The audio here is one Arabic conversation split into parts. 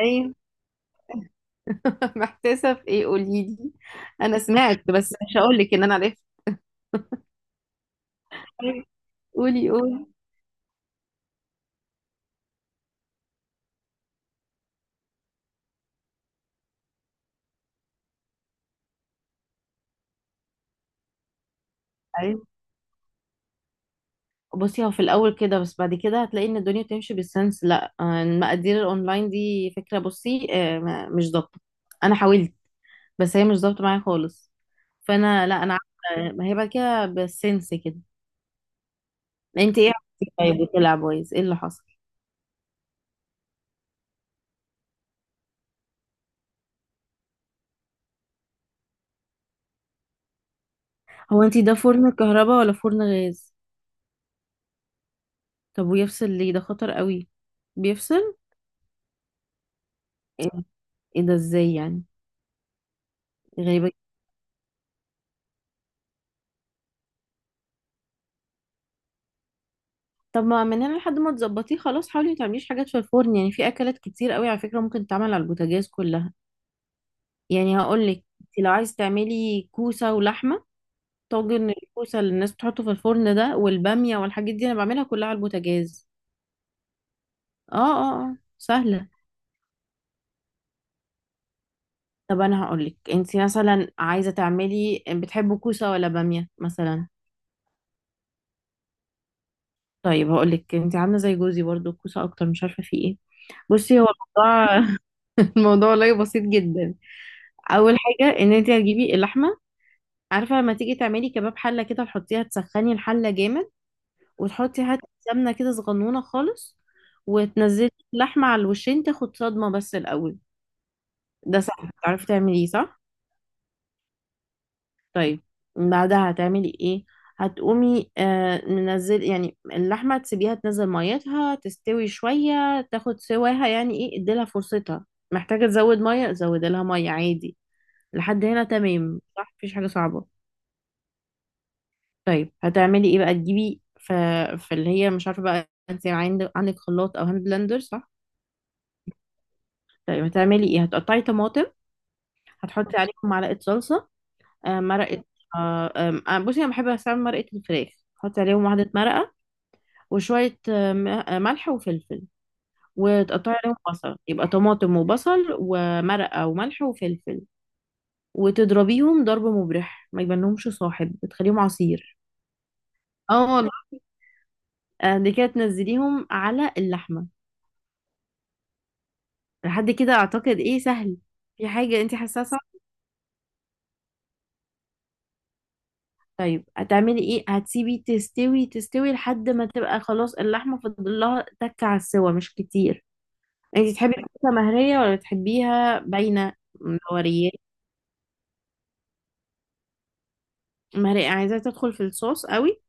ايوه. محتاسه في ايه؟ قولي لي. انا سمعت بس مش هقول لك ان انا عرفت. طيب، قولي قولي. ايوه. بصي، هو في الاول كده، بس بعد كده هتلاقي ان الدنيا بتمشي بالسنس. لا آه، المقادير الاونلاين دي فكره، بصي آه، مش ضابطه. انا حاولت بس هي مش ضابطه معايا خالص. فانا لا انا عارفة، ما هي بعد كده بالسنس كده. انت ايه عملتي طيب وطلع بايظ؟ ايه اللي حصل؟ هو انت ده فرن كهرباء ولا فرن غاز؟ طب ويفصل ليه؟ ده خطر قوي. بيفصل؟ ايه، إيه ده؟ ازاي يعني؟ غريبة. طب ما من هنا لحد ما تظبطيه خلاص، حاولي ما تعمليش حاجات في الفرن. يعني في اكلات كتير قوي على فكره ممكن تتعمل على البوتاجاز كلها. يعني هقول لك، لو عايز تعملي كوسه ولحمه، طاجن الكوسه اللي الناس بتحطه في الفرن ده، والباميه والحاجات دي، انا بعملها كلها على البوتاجاز. اه اه اه، سهله. طب انا هقول لك، انت مثلا عايزه تعملي بتحبوا كوسه ولا باميه مثلا؟ طيب هقول لك، انت عامله زي جوزي برضو، الكوسه اكتر، مش عارفه في ايه. بصي، هو الموضوع، الموضوع والله بسيط جدا. اول حاجه، ان انت هتجيبي اللحمه. عارفه لما تيجي تعملي كباب حله كده، تحطيها، تسخني الحله جامد، وتحطي حته سمنه كده صغنونه خالص، وتنزلي اللحمه على الوشين تاخد صدمه بس الاول. ده سهل، تعرفي تعمليه صح؟ طيب، بعدها هتعملي ايه؟ هتقومي منزل يعني اللحمه، تسيبيها تنزل ميتها، تستوي شويه، تاخد سواها، يعني ايه، اديلها فرصتها. محتاجه تزود ميه، زودي لها ميه عادي. لحد هنا تمام صح؟ مفيش حاجه صعبه. طيب هتعملي ايه بقى؟ تجيبي فاللي هي مش عارفه بقى، عندك خلاط او هاند بلندر صح؟ طيب هتعملي ايه؟ هتقطعي طماطم، هتحطي عليهم معلقه صلصه، مرقه. آه، آم، آه، بصي انا بحب استعمل مرقه الفراخ. تحطي عليهم واحده مرقه، وشويه ملح وفلفل، وتقطعي عليهم بصل. يبقى طماطم وبصل ومرقه وملح وفلفل، وتضربيهم ضرب مبرح ما يبانلهمش صاحب، بتخليهم عصير. اه والله. دي كده تنزليهم على اللحمه. لحد كده اعتقد ايه، سهل. في حاجة انت حاساها صعبة؟ طيب هتعملي ايه؟ هتسيبي تستوي لحد ما تبقى خلاص اللحمة فاضل لها تكة على السوا مش كتير. انت تحبي الكوسة مهرية ولا تحبيها باينة؟ مورية؟ مهرية، عايزاها تدخل في الصوص قوي.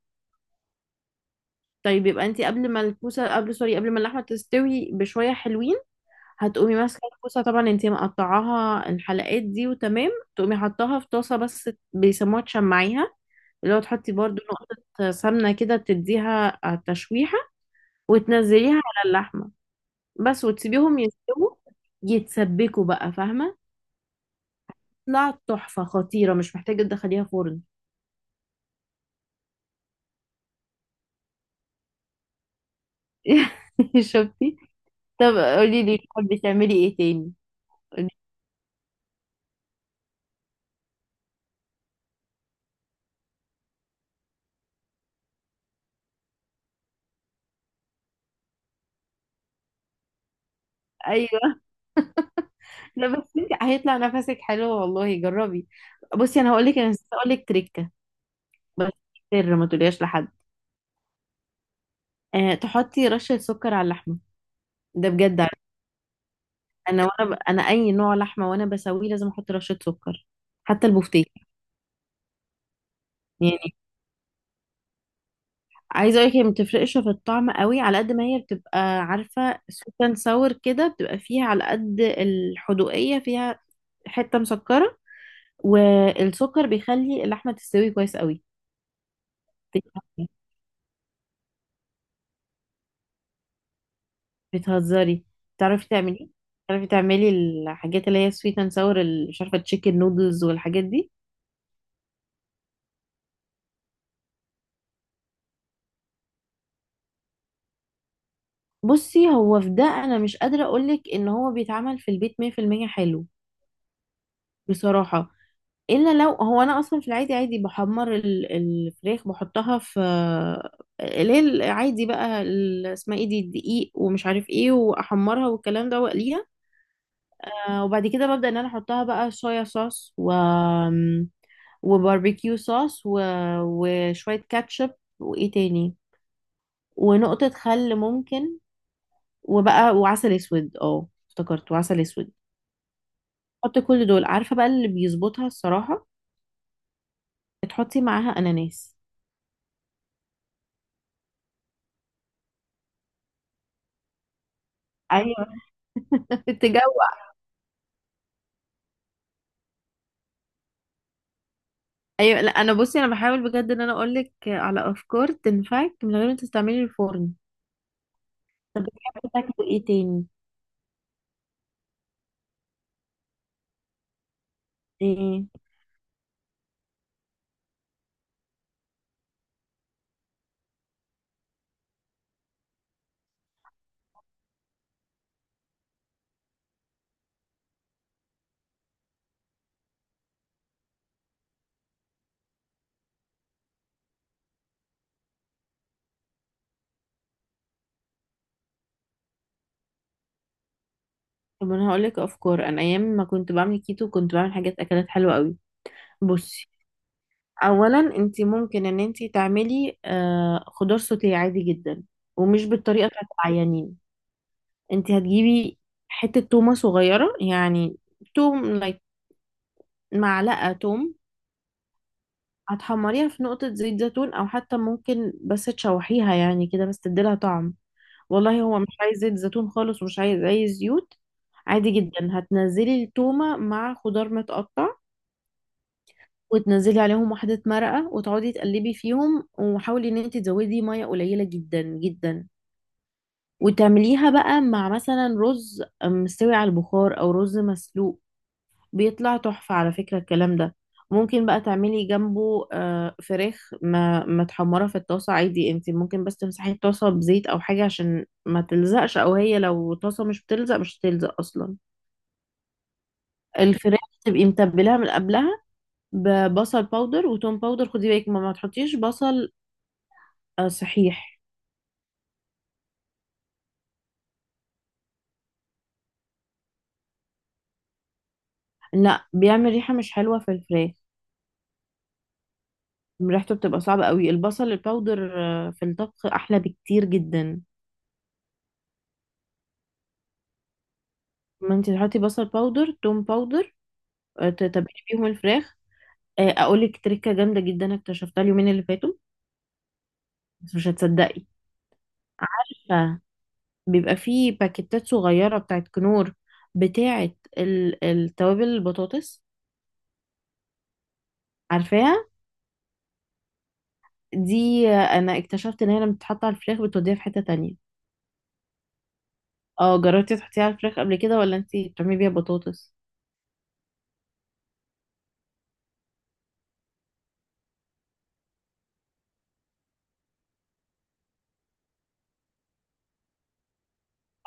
طيب، يبقى انت قبل ما اللحمة تستوي بشوية حلوين، هتقومي ماسكه الكوسه، طبعا انتي مقطعاها الحلقات دي وتمام، تقومي حطاها في طاسه، بس بيسموها تشمعيها، اللي هو تحطي برضو نقطه سمنه كده تديها على التشويحه، وتنزليها على اللحمه بس، وتسيبيهم يستووا، يتسبكوا بقى، فاهمه؟ طلعت تحفه خطيره، مش محتاجه تدخليها فرن. شفتي؟ طب قولي لي، بتعملي ايه تاني؟ قولي- ايوه. لا بس انت هيطلع نفسك حلو والله، جربي. بصي، انا هقول لك تريك، بس سر ما تقوليهاش لحد. آه، تحطي رشة سكر على اللحمة. ده بجد عادي. انا انا اي نوع لحمة وانا بسويه لازم احط رشة سكر، حتى البوفتيك. يعني عايزة اقولك، هي ما بتفرقش في الطعم قوي، على قد ما هي بتبقى، عارفة، سويت اند ساور كده، بتبقى فيها على قد الحدوقية فيها، حتة مسكرة، والسكر بيخلي اللحمة تستوي كويس قوي. بتهزري؟ بتعرفي تعملي؟ بتعرفي تعملي الحاجات اللي هي سويت اند ساور، مش عارفة، تشيكن نودلز والحاجات دي؟ بصي، هو في ده انا مش قادره اقولك ان هو بيتعمل في البيت 100% حلو، بصراحه. الا لو هو، انا اصلا في العادي، عادي بحمر الفراخ، بحطها في اللي هي العادي بقى، اسمها ايه دي، الدقيق ومش عارف ايه، واحمرها والكلام ده واقليها. وبعد كده ببدا ان انا احطها بقى صويا صوص، و وباربيكيو صوص و... وشويه كاتشب، وايه تاني، ونقطه خل ممكن، وبقى وعسل اسود، اه افتكرت، وعسل اسود. حطي كل دول، عارفه بقى اللي بيظبطها الصراحه، تحطي معاها اناناس. ايوه. تجوع. ايوه. لا انا بصي انا بحاول بجد ان انا اقول لك على افكار تنفعك من غير ما تستعملي الفرن. طب بتحبي تاكلي ايه تاني؟ ايه؟ طب انا هقول لك افكار، انا ايام ما كنت بعمل كيتو كنت بعمل حاجات اكلات حلوه قوي. بصي، اولا انت ممكن ان انت تعملي آه خضار سوتيه عادي جدا، ومش بالطريقه بتاعت العيانين. انت هتجيبي حته تومه صغيره يعني، توم like، معلقة توم. هتحمريها في نقطة زيت زيتون، أو حتى ممكن بس تشوحيها يعني كده بس تديلها طعم. والله هو مش عايز زيت زيتون خالص ومش عايز أي زيوت. عادي جدا، هتنزلي التومة مع خضار متقطع، وتنزلي عليهم واحدة مرقة، وتقعدي تقلبي فيهم، وحاولي ان انت تزودي مية قليلة جدا جدا، وتعمليها بقى مع مثلا رز مستوي على البخار او رز مسلوق. بيطلع تحفة على فكرة الكلام ده. ممكن بقى تعملي جنبه فراخ ما متحمرة في الطاسة عادي. انت ممكن بس تمسحي الطاسة بزيت او حاجة عشان ما تلزقش، او هي لو طاسة مش بتلزق مش هتلزق اصلا. الفراخ تبقي متبلاها من قبلها ببصل باودر وتوم باودر. خدي بالك ما تحطيش بصل. صحيح. لا، بيعمل ريحة مش حلوة في الفراخ. ريحته بتبقى صعبة قوي. البصل الباودر في الطبخ احلى بكتير جدا. ما انت تحطي بصل باودر توم باودر، تتبلي بيهم الفراخ. اقولك تركه جامده جدا اكتشفتها اليومين اللي فاتوا، بس مش هتصدقي. فبيبقى فيه باكيتات صغيره بتاعت كنور، بتاعت التوابل، البطاطس، عارفاها؟ دي انا اكتشفت ان هي لما بتتحط على الفراخ بتوديها في حته تانية. اه، جربتي تحطيها على الفراخ قبل كده ولا انتي بتعملي بيها بطاطس؟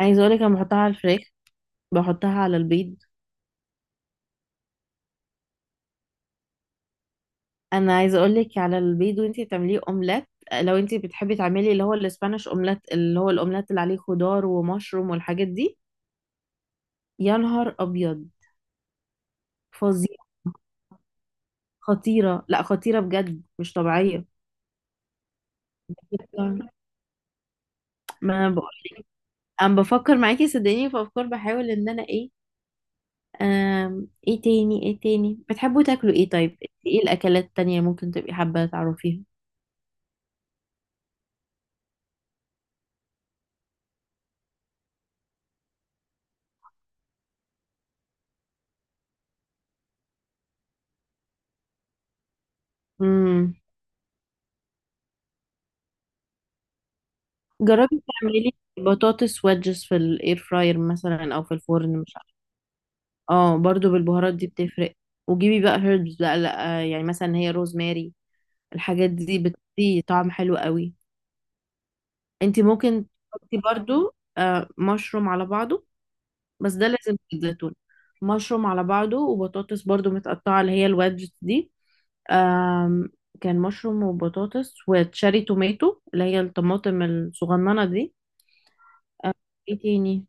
عايزه اقولك انا بحطها على الفراخ، بحطها على البيض. انا عايزه اقول لك على البيض وانتي بتعمليه اومليت، لو انتي بتحبي تعملي اللي هو الاسبانيش اومليت، اللي هو الاومليت اللي عليه خضار ومشروم والحاجات دي، يا نهار ابيض، فظيع. خطيره، لا خطيره بجد، مش طبيعيه. ما انا بقول، انا بفكر معاكي صدقيني في افكار، بحاول ان انا ايه. ايه تاني، ايه تاني بتحبوا تاكلوا ايه طيب؟ ايه الاكلات التانية ممكن تبقي حابه تعرفيها؟ امم، جربي تعملي بطاطس ويدجز في الاير فراير مثلا او في الفرن. مش، اه برضو بالبهارات دي بتفرق. وجيبي بقى هيربز بقى، لا يعني مثلا هي روزماري، الحاجات دي بتدي طعم حلو قوي. انت ممكن تحطي برضو آه مشروم على بعضه، بس ده لازم في الزيتون. مشروم على بعضه، وبطاطس برضو متقطعة اللي هي الوادجز دي، آم، كان مشروم وبطاطس وتشاري توماتو اللي هي الطماطم الصغننة دي. ايه تاني؟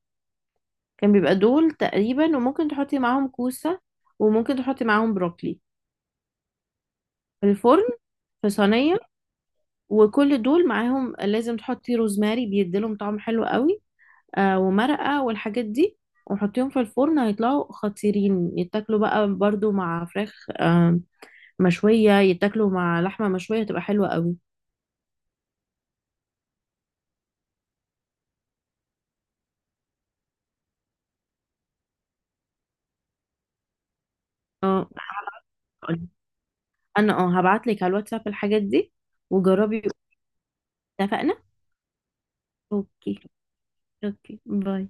كان بيبقى دول تقريبا. وممكن تحطي معاهم كوسة، وممكن تحطي معاهم بروكلي، في الفرن في صينية. وكل دول معاهم لازم تحطي روزماري، بيديلهم طعم حلو قوي. آه، ومرقة والحاجات دي، وحطيهم في الفرن هيطلعوا خطيرين. يتاكلوا بقى برضو مع فراخ آه مشوية، يتاكلوا مع لحمة مشوية، تبقى حلوة قوي. اه، هقولك. انا اه هبعتلك على الواتساب الحاجات دي، وجربي. اتفقنا. اوكي. اوكي، باي.